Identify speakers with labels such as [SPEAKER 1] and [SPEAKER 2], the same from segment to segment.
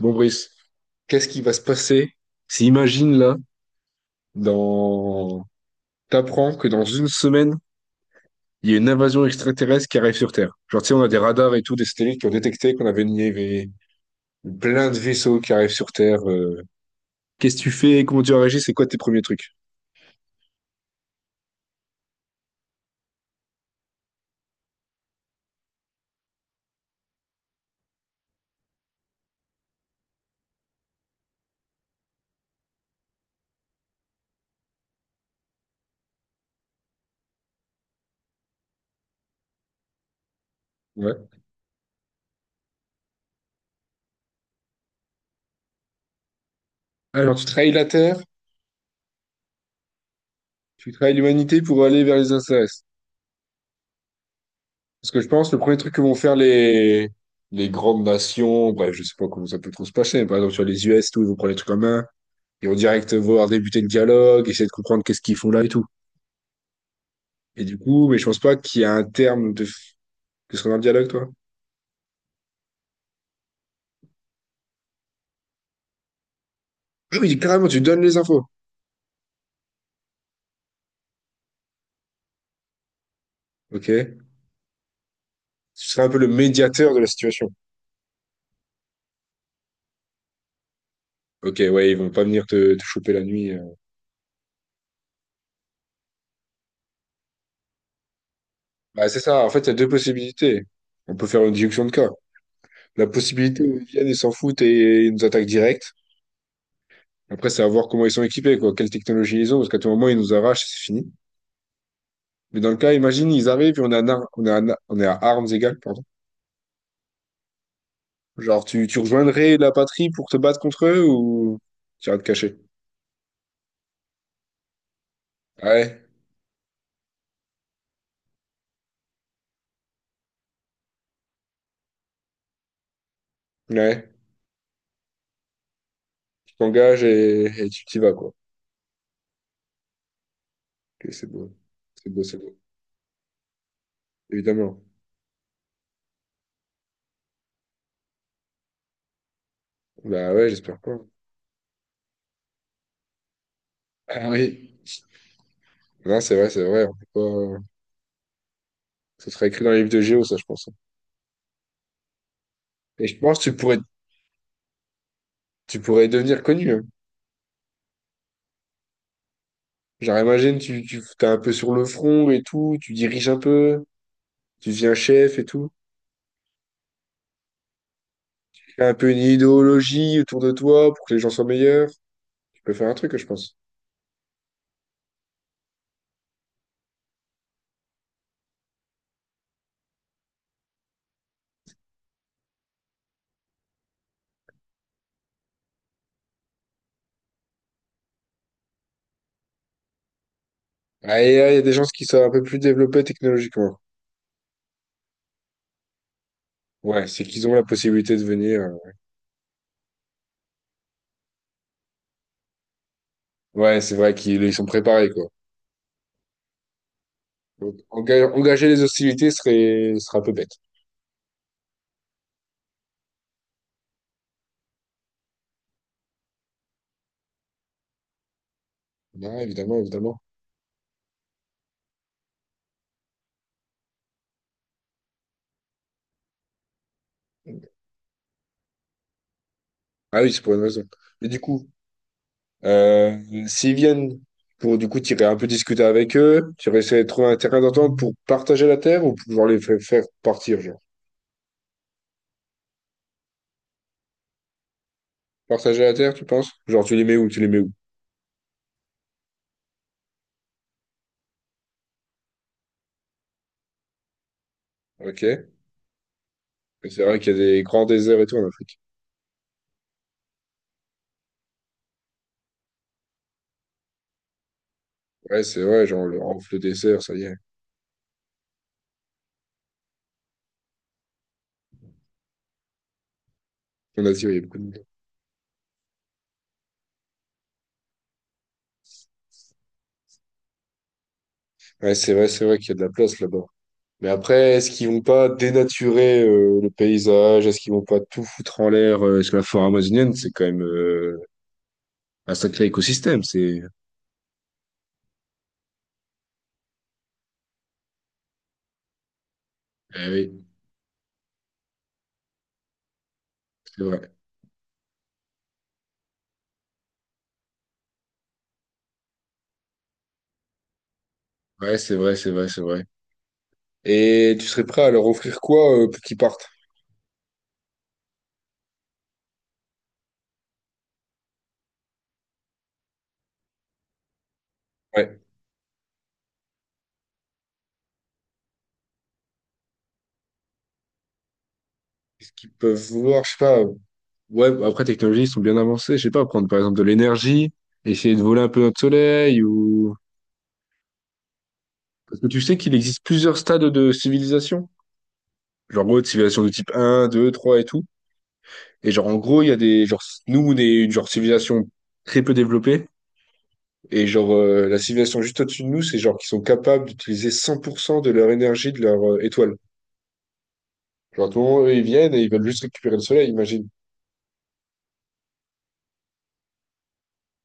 [SPEAKER 1] Bon, Brice, qu'est-ce qui va se passer si, imagine là, dans... t'apprends que dans une semaine, il y a une invasion extraterrestre qui arrive sur Terre. Genre, tu sais, on a des radars et tout, des satellites qui ont détecté il y avait plein de vaisseaux qui arrivent sur Terre. Qu'est-ce que tu fais? Comment tu réagis? C'est quoi tes premiers trucs? Ouais. Alors, tu trahis la Terre, tu trahis l'humanité pour aller vers les extraterrestres. Parce que je pense, le premier truc que vont faire les grandes nations, bref, je sais pas comment ça peut trop se passer, mais par exemple, sur les US, et tout, ils vont prendre les trucs en main. Ils vont direct vouloir débuter le dialogue, essayer de comprendre qu'est-ce qu'ils font là et tout. Et du coup, mais je pense pas qu'il y a un que ce soit un dialogue, toi. Ah oui, carrément, tu donnes les infos. Ok. Tu serais un peu le médiateur de la situation. Ok, ouais, ils vont pas venir te choper la nuit. Bah, c'est ça. En fait, il y a deux possibilités. On peut faire une déduction de cas. La possibilité où ils viennent, ils s'en foutent et ils nous attaquent direct. Après, c'est à voir comment ils sont équipés, quoi. Quelle technologie ils ont, parce qu'à tout moment, ils nous arrachent et c'est fini. Mais dans le cas, imagine, ils arrivent et on est à, nar- on est à, na- on est à armes égales, pardon. Genre, tu rejoindrais la patrie pour te battre contre eux ou tu iras te cacher? Ouais, ouais, tu t'engages et tu t'y vas, quoi. Ok, c'est beau, c'est beau, c'est beau, évidemment. Bah ouais, j'espère pas. Ah oui, non, c'est vrai, on peut pas... Ça serait écrit dans les livres de Géo, ça, je pense. Et je pense que tu pourrais devenir connu, hein. Genre, imagine, t'es un peu sur le front et tout, tu diriges un peu, tu deviens chef et tout. Tu as un peu une idéologie autour de toi pour que les gens soient meilleurs. Tu peux faire un truc, je pense. Ah, et là, il y a des gens qui sont un peu plus développés technologiquement. Ouais, c'est qu'ils ont la possibilité de venir. Ouais, c'est vrai qu'ils ils sont préparés, quoi. Donc, engager les hostilités serait un peu bête. Ah, évidemment, évidemment. Ah oui, c'est pour une raison. Mais du coup, euh, s'ils viennent pour, du coup, t'irais un peu discuter avec eux, t'irais essayer de trouver un terrain d'entente pour partager la terre ou pour pouvoir les faire partir, genre. Partager la terre, tu penses? Genre, tu les mets où? Tu les mets où? Ok. Mais c'est vrai qu'il y a des grands déserts et tout en Afrique. Ouais, c'est vrai, genre, le désert, ça y est. En Asie, ouais, il y a beaucoup de monde. Ouais, c'est vrai qu'il y a de la place là-bas. Mais après, est-ce qu'ils vont pas dénaturer le paysage? Est-ce qu'ils vont pas tout foutre en l'air? Parce que la forêt amazonienne, c'est quand même un sacré écosystème. C'est eh oui, c'est vrai. Ouais, c'est vrai, c'est vrai, c'est vrai. Et tu serais prêt à leur offrir quoi pour qu'ils partent? Ouais. Est-ce qu'ils peuvent vouloir, je sais pas. Ouais, après, technologie, ils sont bien avancés. Je sais pas, prendre par exemple de l'énergie, essayer de voler un peu notre soleil ou. Parce que tu sais qu'il existe plusieurs stades de civilisation. Genre, en gros, civilisation de type un 2 3 et tout. Et genre, en gros, il y a des, genre, nous, on est une genre civilisation très peu développée. Et genre, la civilisation juste au-dessus de nous, c'est genre qu'ils sont capables d'utiliser 100% de leur énergie de leur étoile. Genre, à tout moment, eux, ils viennent et ils veulent juste récupérer le soleil, imagine.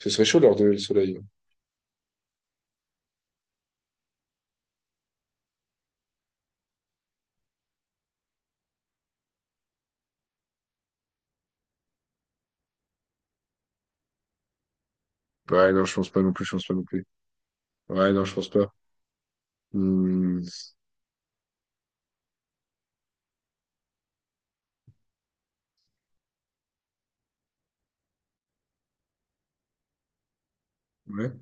[SPEAKER 1] Ce serait chaud de leur donner le soleil. Ouais, non, je pense pas non plus, je pense pas non plus. Ouais, non, je pense pas. Hmm. Ouais.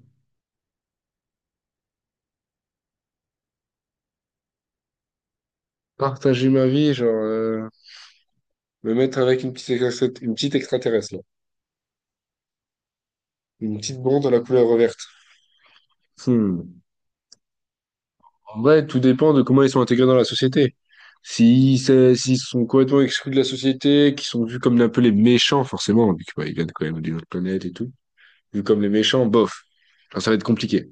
[SPEAKER 1] Partager ma vie, genre, me mettre avec une petite extraterrestre, là. Une petite blonde à la couleur verte. Hmm. En vrai, tout dépend de comment ils sont intégrés dans la société. Si c'est- S'ils sont complètement exclus de la société, qu'ils sont vus comme un peu les méchants, forcément, vu qu'ils viennent quand même d'une autre planète et tout, vus comme les méchants, bof. Alors, ça va être compliqué.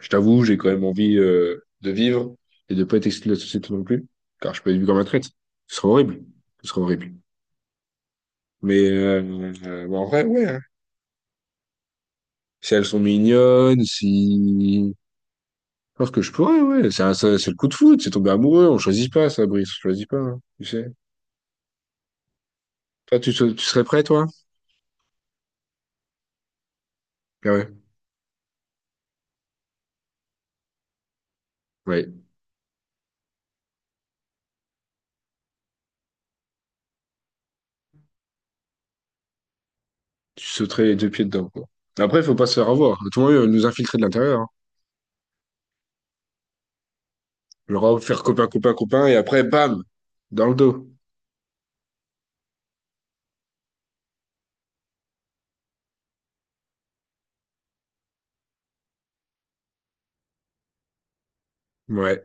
[SPEAKER 1] Je t'avoue, j'ai quand même envie de vivre et de pas être exclu de la société non plus, car je peux être vu comme un traître. Ce serait horrible. Ce serait horrible. Mais bah, en vrai, ouais, hein. Si elles sont mignonnes, si... Je pense que je pourrais, ouais. C'est le coup de foot, c'est tomber amoureux, on choisit pas ça, Brice, on choisit pas, hein, tu sais. Toi, tu serais prêt, toi? Ah ouais. Ouais. Tu sauterais les deux pieds dedans, quoi. Après, faut pas se faire avoir. Tout le monde nous infiltrer de l'intérieur, hein. Genre, faire copain, copain, copain, et après, bam! Dans le dos. Ouais.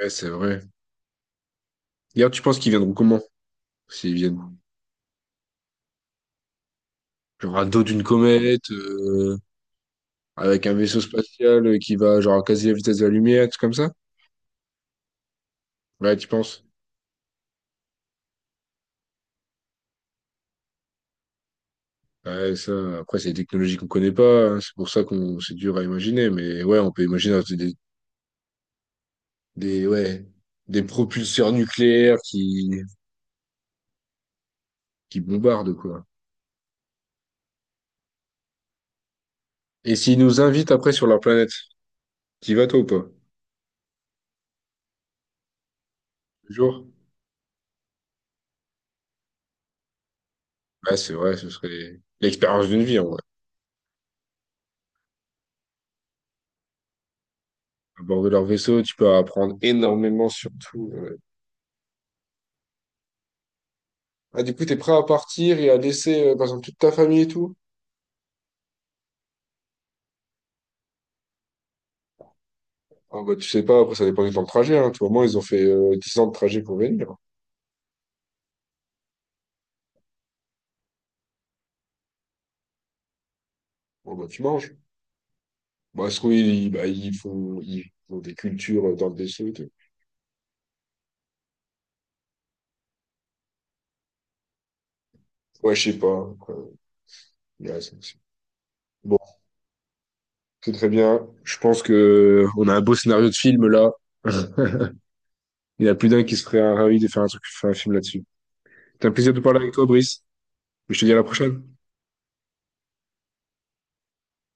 [SPEAKER 1] Ouais, c'est vrai. D'ailleurs, tu penses qu'ils viendront comment? S'ils viennent. Genre, à dos d'une comète, avec un vaisseau spatial qui va, genre, à quasi la vitesse de la lumière, tout comme ça? Ouais, tu penses? Ouais, ça, après, c'est des technologies qu'on connaît pas, hein. C'est pour ça qu'on, c'est dur à imaginer. Mais ouais, on peut imaginer ouais, des propulseurs nucléaires qui bombardent, quoi. Et s'ils nous invitent après sur leur planète, t'y vas toi ou pas? Toujours? Ouais, c'est vrai, ce serait l'expérience d'une vie, en vrai. À bord de leur vaisseau, tu peux apprendre énormément sur tout, ouais. Ah, du coup, t'es prêt à partir et à laisser, par exemple, toute ta famille et tout? Ah, bah, tu sais pas, après, ça dépend du temps de trajet, hein. Tu vois, moi, ils ont fait 10 ans de trajet pour venir. Bon, bah, tu manges. Ils font des cultures dans le vaisseau et tout. Ouais, je sais pas, quoi. Ouais, c'est- c'est- C'est très bien. Je pense que on a un beau scénario de film là. Il y a plus d'un qui serait ravi de faire un truc, faire un film là-dessus. C'était un plaisir de parler avec toi, Brice. Je te dis à la prochaine.